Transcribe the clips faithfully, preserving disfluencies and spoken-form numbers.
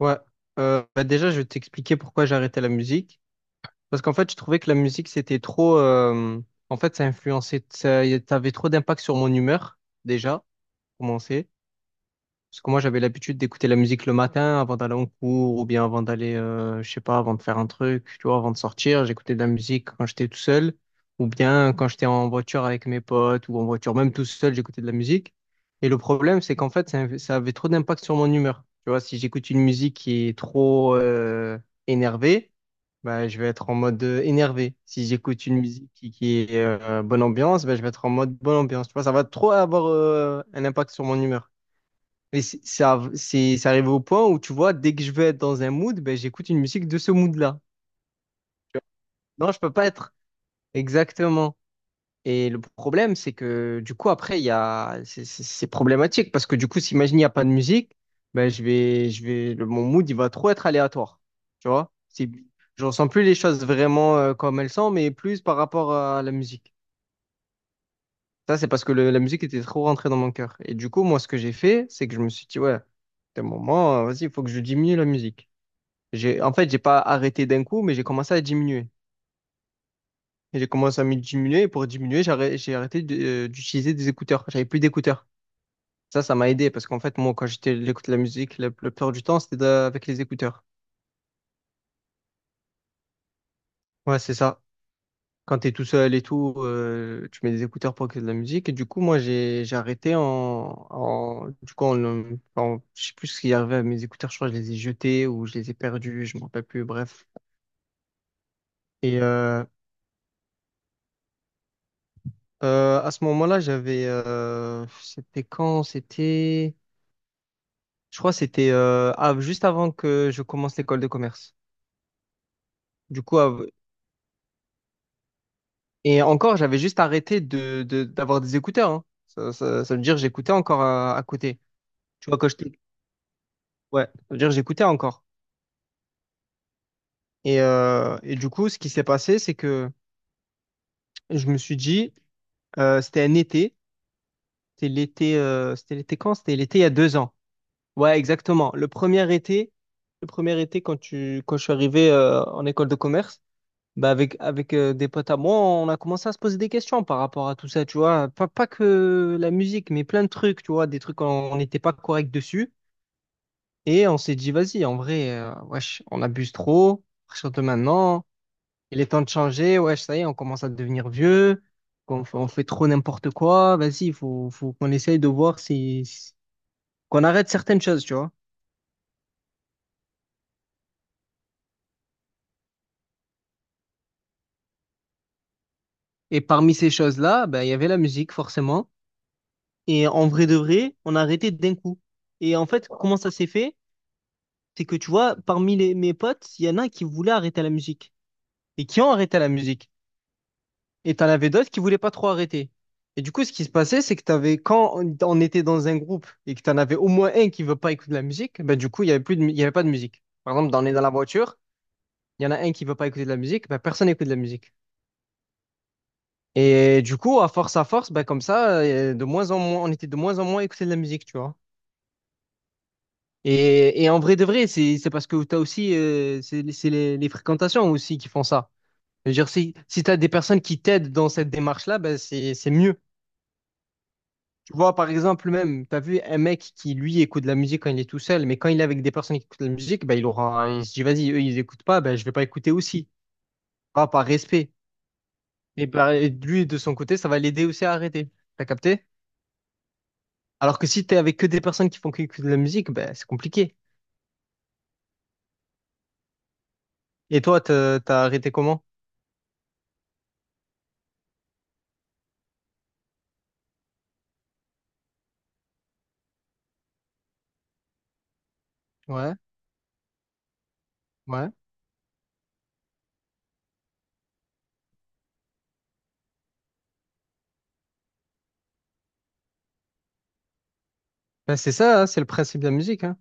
Ouais. Euh, bah déjà, je vais t'expliquer pourquoi j'ai arrêté la musique. Parce qu'en fait, je trouvais que la musique, c'était trop. euh, En fait, ça influençait. Ça y- ça avait trop d'impact sur mon humeur, déjà, pour commencer. Parce que moi, j'avais l'habitude d'écouter la musique le matin avant d'aller en cours ou bien avant d'aller, euh, je sais pas, avant de faire un truc, tu vois, avant de sortir. J'écoutais de la musique quand j'étais tout seul ou bien quand j'étais en voiture avec mes potes ou en voiture, même tout seul, j'écoutais de la musique. Et le problème, c'est qu'en fait, ça, ça avait trop d'impact sur mon humeur. Tu vois, si j'écoute une musique qui est trop euh, énervée, bah, je vais être en mode euh, énervé. Si j'écoute une musique qui, qui est euh, bonne ambiance, bah, je vais être en mode bonne ambiance. Tu vois, ça va trop avoir euh, un impact sur mon humeur. Et c'est c'est av- c'est- c'est arrivé au point où, tu vois, dès que je veux être dans un mood, ben, j'écoute une musique de ce mood-là. Non, je peux pas être. Exactement. Et le problème, c'est que, du coup, après, il y a... c'est c'est- c'est problématique parce que, du coup, s'imagine, il n'y a pas de musique, ben, je vais, je vais... le- mon mood, il va trop être aléatoire. Tu vois? C'est... Je ressens plus les choses vraiment euh, comme elles sont, mais plus par rapport à la musique. Ça, c'est parce que le- la musique était trop rentrée dans mon cœur. Et du coup, moi, ce que j'ai fait, c'est que je me suis dit, ouais, d'un moment, euh, vas-y, il faut que je diminue la musique. J'ai, en fait, j'ai pas arrêté d'un coup, mais j'ai commencé à diminuer. Et j'ai commencé à me diminuer, et pour diminuer, j'ai arrêté, j'ai arrêté de- euh, d'utiliser des écouteurs. J'avais plus d'écouteurs. Ça, ça m'a aidé, parce qu'en fait, moi, quand j'étais, j'écoute la musique, la, la plupart du temps, c'était de- avec les écouteurs. Ouais, c'est ça. Quand t'es tout seul et tout, euh, tu mets des écouteurs pour écouter de la musique. Et du coup, moi, j'ai, j'ai arrêté en, en, du coup, en, en- en- je sais plus ce qui est arrivé à mes écouteurs. Je crois que je les ai jetés ou je les ai perdus, je m'en rappelle plus, bref. Et, euh, Euh, à ce moment-là, j'avais, euh, c'était quand? C'était, je crois, que c'était euh, av- juste avant que je commence l'école de commerce. Du coup, av- et encore, j'avais juste arrêté de, de- d'avoir des écouteurs. Hein. Ça, ça- ça veut dire que j'écoutais encore à, à côté. Tu vois, quand j'étais, ouais, ça veut dire que j'écoutais encore. Et, euh, et du coup, ce qui s'est passé, c'est que je me suis dit, euh, c'était un été, c'était l'été, euh, c'était l'été quand? C'était l'été il y a deux ans. Ouais, exactement. Le premier été, le premier été quand tu, quand je suis arrivé euh, en école de commerce, bah avec avec euh, des potes à moi, on a commencé à se poser des questions par rapport à tout ça, tu vois. Pas pas que la musique, mais plein de trucs, tu vois, des trucs on on n'était pas correct dessus. Et on s'est dit, vas-y, en vrai, euh, wesh, on abuse trop. À partir de maintenant, il est temps de changer. Wesh, ça y est, on commence à devenir vieux. On, fait- on fait trop n'importe quoi. Vas-y, il faut faut qu'on essaye de voir si si- qu'on arrête certaines choses, tu vois. Et parmi ces choses-là, ben, il y avait la musique, forcément. Et en vrai de vrai, on a arrêté d'un coup. Et en fait, comment ça s'est fait? C'est que tu vois, parmi les- mes potes, il y en a qui voulaient arrêter la musique et qui ont arrêté la musique. Et t'en avais d'autres qui voulaient pas trop arrêter. Et du coup, ce qui se passait, c'est que t'avais, quand on on était dans un groupe et que t'en avais au moins un qui veut pas écouter de la musique, ben, du coup, il y avait plus de, mu- il y avait pas de musique. Par exemple, dans, on est dans la voiture, il y en a un qui veut pas écouter de la musique, ben, personne n'écoute de la musique. Et du coup, à force à force, bah, comme ça, euh, de moins en moins, on était de moins en moins écouté de la musique, tu vois. Et, et en vrai de vrai, c'est c'est parce que tu as aussi, euh, c'est c'est les, les fréquentations aussi qui font ça. Je veux dire, si, si tu as des personnes qui t'aident dans cette démarche-là, bah, c'est c'est mieux. Tu vois, par exemple, même, tu as vu un mec qui, lui, écoute de la musique quand il est tout seul, mais quand il est avec des personnes qui écoutent de la musique, bah, il aura, il se dit, vas-y, eux, ils écoutent pas, bah, je vais pas écouter aussi. Ah, par respect. Et bah, lui, de son côté, ça va l'aider aussi à arrêter. T'as capté? Alors que si t'es avec que des personnes qui font que, que de la musique, ben c'est compliqué. Et toi, t'as t'as arrêté comment? Ouais, ouais. Ben c'est ça, hein, c'est le principe de la musique, hein.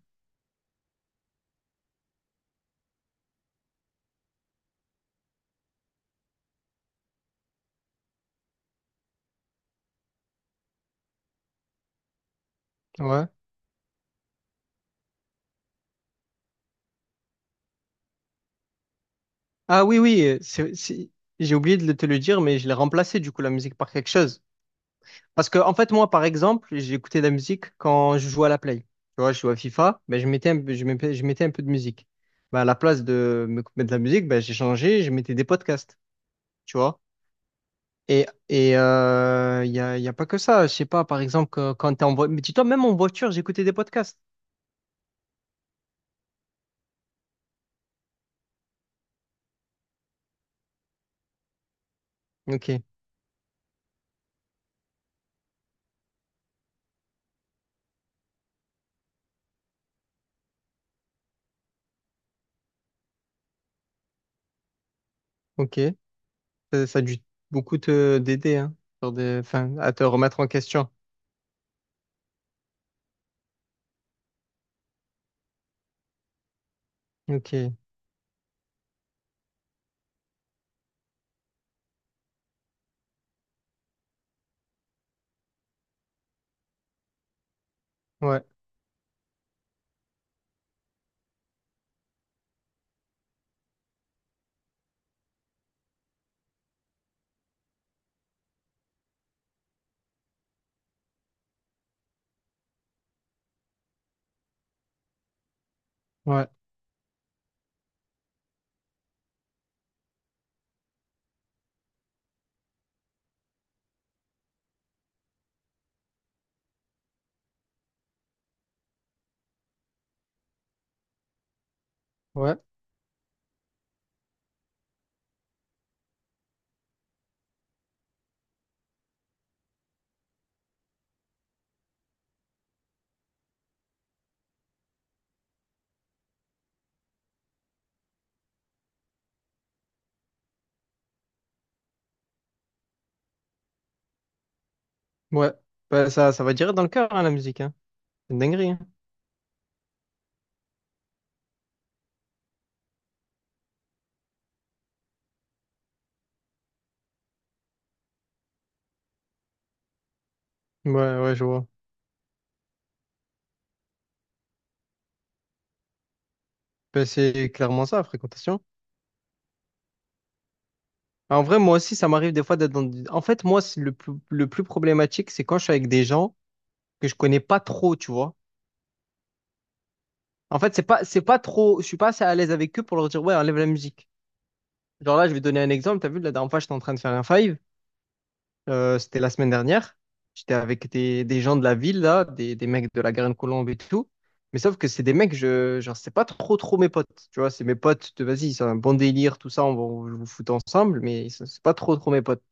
Ouais. Ah oui, oui, euh, c'est, c'est- j'ai oublié de le- te le dire, mais je l'ai remplacé du coup la musique par quelque chose. Parce que en fait, moi, par exemple, j'ai écouté de la musique quand je jouais à la Play. Tu vois, je jouais à FIFA, ben je mettais un, peu- je mettais, je mettais un peu de musique. Ben, à la place de me mettre de la musique, ben j'ai changé, je mettais des podcasts. Tu vois. Et et il euh, y a, y a pas que ça. Je sais pas, par exemple, que- quand t'es en voiture. Mais dis-toi, même en voiture, j'écoutais des podcasts. Ok, ok. Ça, ça a dû beaucoup te d'aider, hein, sur des, enfin, à te remettre en question. Ok, ouais, ouais, ouais, ouais. Bah, ça, ça va direct dans le cœur, hein, la musique, hein. C'est une dinguerie, hein. Ouais, ouais, je vois. Bah, c'est clairement ça, fréquentation. En vrai, moi aussi, ça m'arrive des fois d'être dans... des- En fait, moi, c'est le plus, le plus problématique, c'est quand je suis avec des gens que je connais pas trop, tu vois. En fait, c'est pas, c'est pas trop. Je suis pas assez à l'aise avec eux pour leur dire, ouais, enlève la musique. Genre là, je vais donner un exemple. T'as vu, la dernière fois, j'étais en train de faire un five. Euh, c'était la semaine dernière. J'étais avec des, des gens de la ville, là, des, des mecs de la Garenne-Colombe et tout. Mais sauf que c'est des mecs, je, genre, c'est pas trop, trop mes potes. Tu vois, c'est mes potes de vas-y, c'est un bon délire, tout ça, on va on vous foutre ensemble, mais c'est c'est pas trop, trop mes potes.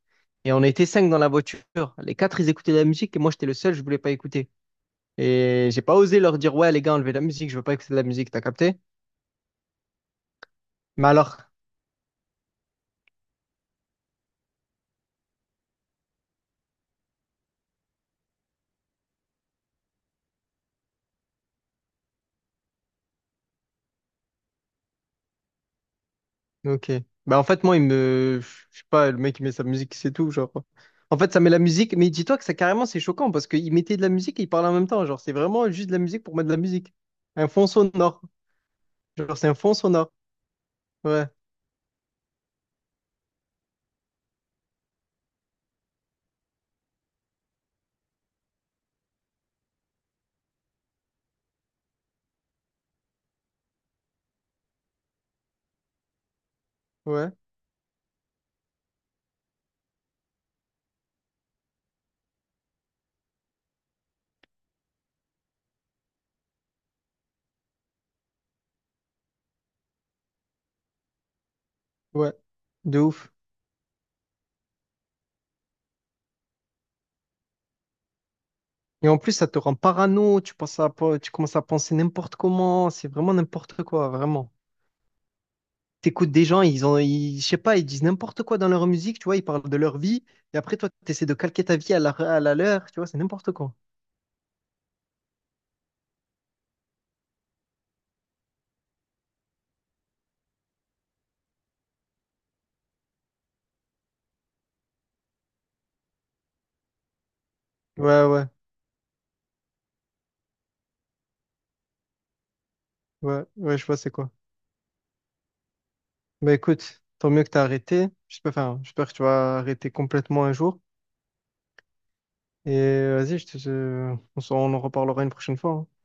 Et on était cinq dans la voiture. Les quatre, ils écoutaient de la musique et moi, j'étais le seul, je voulais pas écouter. Et j'ai pas osé leur dire, ouais, les gars, enlevez la musique, je veux pas écouter de la musique, t'as capté? Mais alors. Ok. Bah en fait moi il me je sais pas le mec il met sa musique c'est tout genre. En fait ça met la musique mais dis-toi que ça carrément c'est choquant parce qu'il mettait de la musique et il parlait en même temps genre c'est vraiment juste de la musique pour mettre de la musique. Un fond sonore. Genre c'est un fond sonore. Ouais ouais ouais. De ouf. Et en plus ça te rend parano tu penses à tu commences à penser n'importe comment c'est vraiment n'importe quoi vraiment. T'écoutes des gens ils ont ils... je sais pas ils disent n'importe quoi dans leur musique tu vois ils parlent de leur vie et après toi t'essaies de calquer ta vie à la à la leur tu vois c'est n'importe quoi. Ouais ouais. Ouais, ouais, je vois c'est quoi. Bah écoute, tant mieux que t'as arrêté. J'espère, enfin, j'espère que tu vas arrêter complètement un jour. Et vas-y, je te, je- on s'en- on en reparlera une prochaine fois. Hein.